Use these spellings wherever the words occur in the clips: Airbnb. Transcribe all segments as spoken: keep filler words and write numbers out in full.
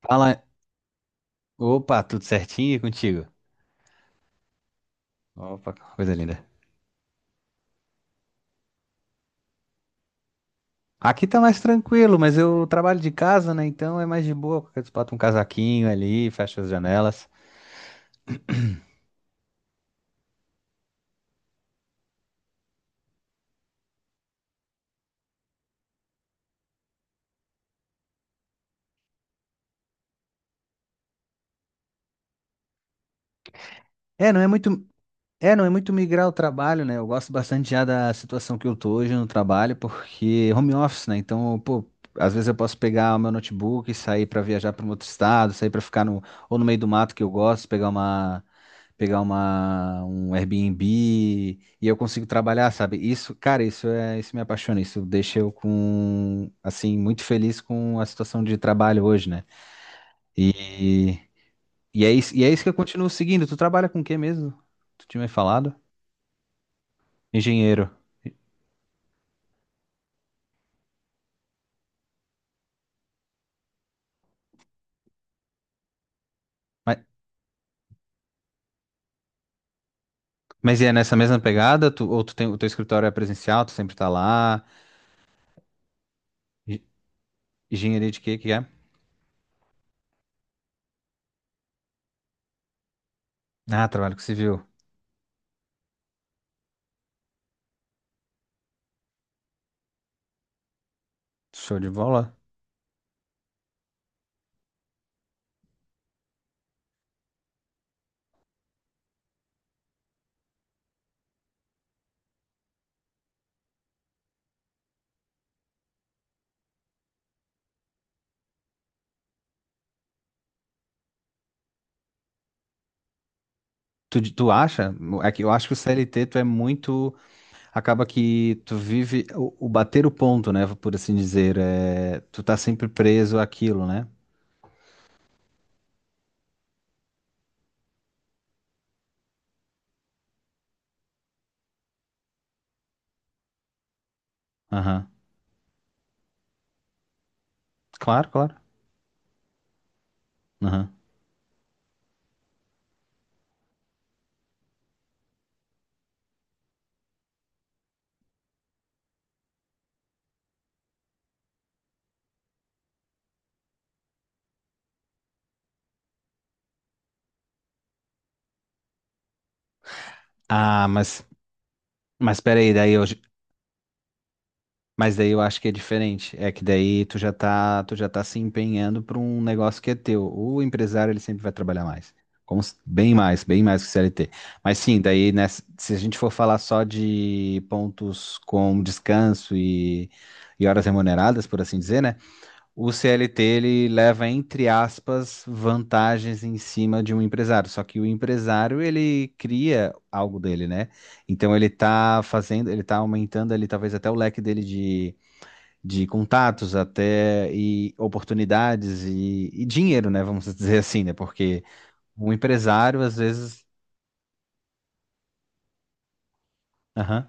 Fala. Opa, tudo certinho e contigo? Opa, coisa linda. Aqui tá mais tranquilo, mas eu trabalho de casa, né? Então é mais de boa, porque tu bota um casaquinho ali, fecha as janelas. É, não é muito. É, não é muito migrar o trabalho, né? Eu gosto bastante já da situação que eu tô hoje no trabalho, porque home office, né? Então, pô, às vezes eu posso pegar o meu notebook e sair pra viajar para um outro estado, sair pra ficar no ou no meio do mato que eu gosto, pegar uma pegar uma um Airbnb e eu consigo trabalhar, sabe? Isso, cara, isso é isso me apaixona, isso deixa eu com assim muito feliz com a situação de trabalho hoje, né? E e é isso, e é isso que eu continuo seguindo. Tu trabalha com o quê mesmo? Tu tinha me falado? Engenheiro. Mas, mas e é nessa mesma pegada? Tu, ou tu tem, o teu escritório é presencial, tu sempre tá lá? E- Engenharia de quê que é? Ah, trabalho com civil. Show de bola. Tu, tu acha? É que eu acho que o C L T tu é muito. Acaba que tu vive o, o bater o ponto, né? Por assim dizer. É, tu tá sempre preso àquilo, né? Aham. Claro, claro. Aham. Ah, mas. Mas peraí, daí eu, mas daí eu acho que é diferente. É que daí tu já tá, tu já tá se empenhando para um negócio que é teu. O empresário, ele sempre vai trabalhar mais. Como, se- bem mais, bem mais que o C L T. Mas sim, daí, né, se se a gente for falar só de pontos com descanso e, e horas remuneradas, por assim dizer, né? O C L T, ele leva, entre aspas, vantagens em cima de um empresário. Só que o empresário, ele cria algo dele, né? Então ele tá fazendo, ele tá aumentando ali talvez até o leque dele de de contatos até e oportunidades e, e dinheiro, né? Vamos dizer assim, né? Porque o empresário, às vezes. Aham.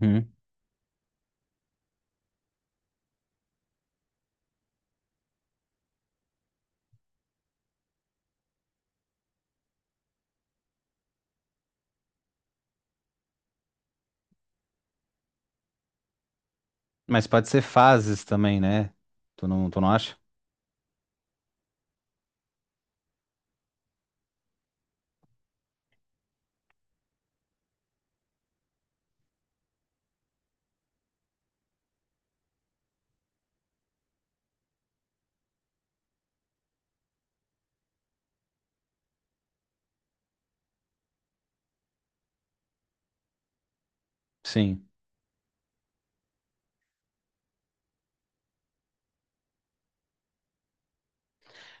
Uhum. Mas pode ser fases também, né? Tu não, tu não acha? Sim.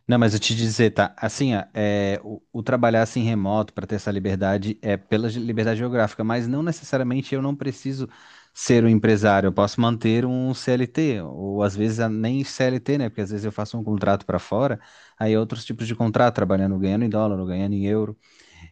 Não, mas eu te dizer, tá? Assim, ó, é, o, o trabalhar assim remoto para ter essa liberdade é pela ge- liberdade geográfica, mas não necessariamente eu não preciso ser um empresário, eu posso manter um C L T, ou às vezes a- nem C L T, né? Porque às vezes eu faço um contrato para fora, aí é outros tipos de contrato, trabalhando ganhando em dólar, ou ganhando em euro.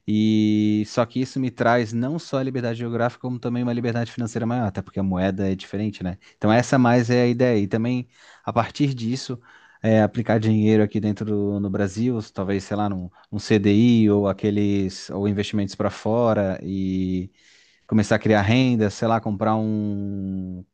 E só que isso me traz não só a liberdade geográfica, como também uma liberdade financeira maior, até porque a moeda é diferente, né? Então essa mais é a ideia. E também, a partir disso, é, aplicar dinheiro aqui dentro do, no Brasil, talvez, sei lá, num, num C D I ou aqueles, ou investimentos para fora e começar a criar renda, sei lá, comprar um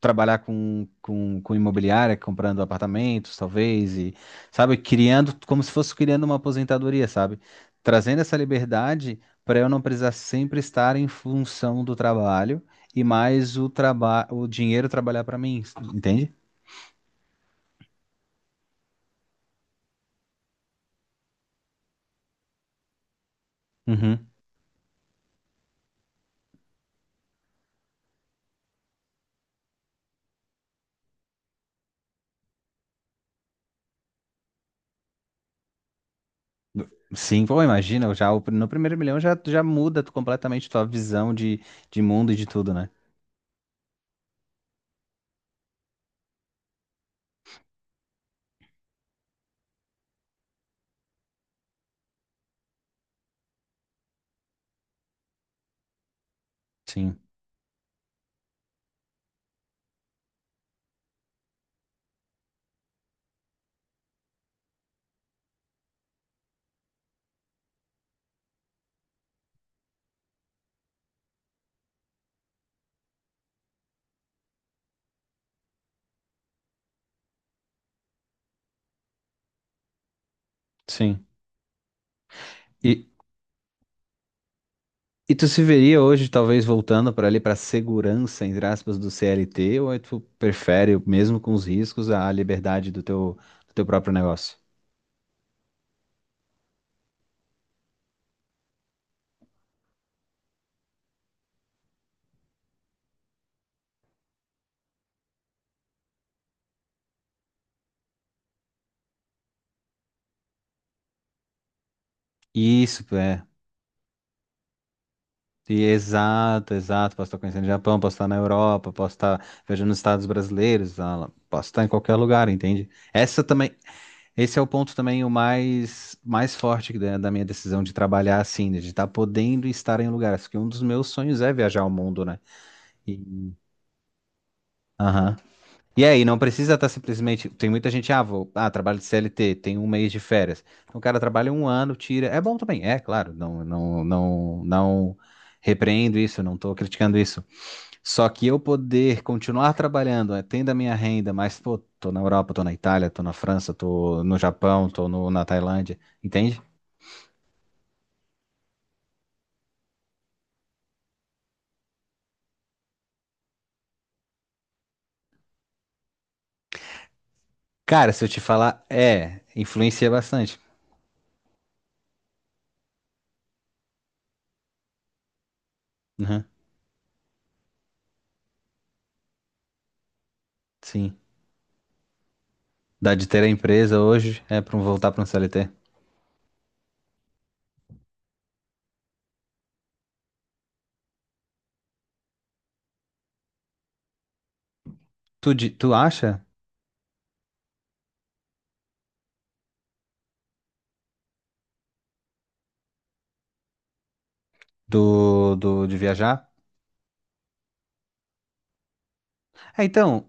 trabalhar com, com, com imobiliária, comprando apartamentos, talvez, e, sabe, criando, como se fosse criando uma aposentadoria, sabe? Trazendo essa liberdade para eu não precisar sempre estar em função do trabalho e mais o trabalho, o dinheiro trabalhar para mim, entende? Uhum. Sim, pô, imagina, já o- no primeiro milhão já, já muda tu- completamente tua visão de, de mundo e de tudo, né? Sim, sim. E, E tu se veria hoje, talvez, voltando para ali para segurança, entre aspas, do C L T, ou aí tu prefere, mesmo com os riscos, a liberdade do teu, do teu próprio negócio? Isso, é. E exato, exato. Posso estar conhecendo o Japão, posso estar na Europa, posso estar viajando nos Estados brasileiros, ah, posso estar em qualquer lugar, entende? Essa também, esse é o ponto também o mais, mais forte da, da minha decisão de trabalhar assim, né, de estar podendo estar em lugares, porque um dos meus sonhos é viajar o mundo, né? E, aham. E aí, não precisa estar simplesmente. Tem muita gente, ah, vou, ah, trabalho de C L T, tem um mês de férias. Então, o cara trabalha um ano, tira. É bom também, é claro, não, não, não, não repreendo isso, não estou criticando isso. Só que eu poder continuar trabalhando, eh, tendo a minha renda, mas, pô, tô na Europa, tô na Itália, tô na França, tô no Japão, tô no- na Tailândia, entende? Cara, se eu te falar, é, influencia bastante. Uhum, sim. Dá de ter a empresa hoje, é pra um- voltar pra um C L T. Tu, di- tu acha? do, do, de viajar. É, então,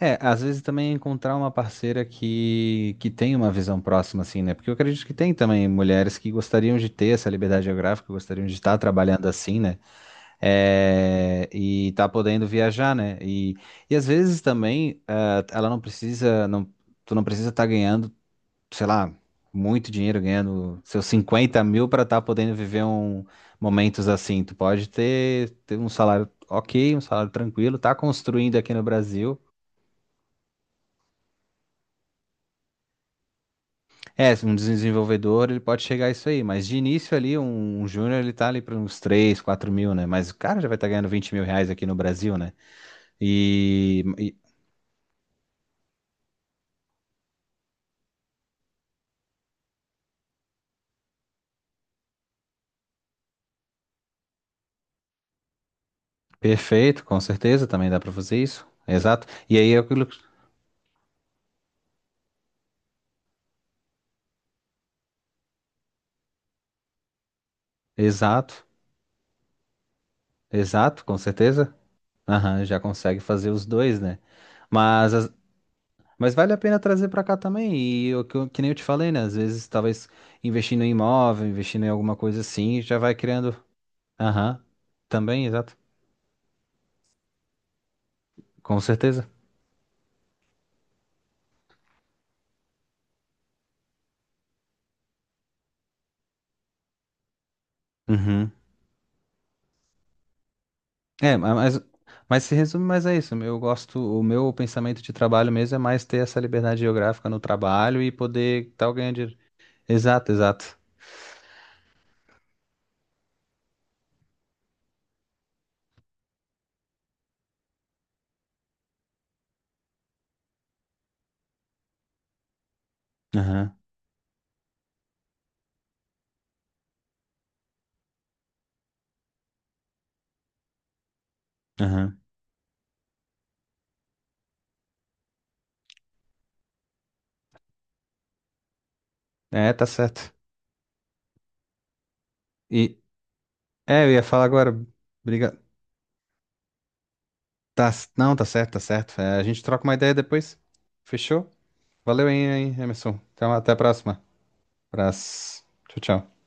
é, às vezes também encontrar uma parceira que, que tem uma visão próxima, assim, né? Porque eu acredito que tem também mulheres que gostariam de ter essa liberdade geográfica, gostariam de estar trabalhando assim, né? É, e tá podendo viajar, né? E, e às vezes também, ah, ela não precisa, não, tu não precisa estar ganhando. Sei lá, muito dinheiro ganhando seus cinquenta mil para estar podendo viver um, momentos assim. Tu pode ter, ter um salário ok, um salário tranquilo, tá construindo aqui no Brasil. É, um desenvolvedor, ele pode chegar a isso aí, mas de início ali, um, um júnior, ele tá ali para uns três quatro mil, né? Mas o cara já vai estar ganhando vinte mil reais aqui no Brasil, né? E, e- Perfeito, com certeza, também dá para fazer isso. Exato. E aí é aquilo. Exato, exato, com certeza. Aham, já consegue fazer os dois, né? Mas, as- mas vale a pena trazer pra cá também. E o que, eu- que nem eu te falei, né? Às vezes, talvez investindo em imóvel, investindo em alguma coisa assim, já vai criando. Aham, também, exato. Com certeza. Uhum. É, ma- mas, mas se resume mais a isso. Eu gosto, o meu pensamento de trabalho mesmo é mais ter essa liberdade geográfica no trabalho e poder estar ganhando dinheiro. Exato, exato. Aham, aham. É, tá certo. E, é, eu ia falar agora. Obriga- Tá, c- não, tá certo, tá certo. É, a gente troca uma ideia depois. Fechou? Valeu, hein, hein, Emerson. Então, até a próxima. Abraço. Tchau, tchau.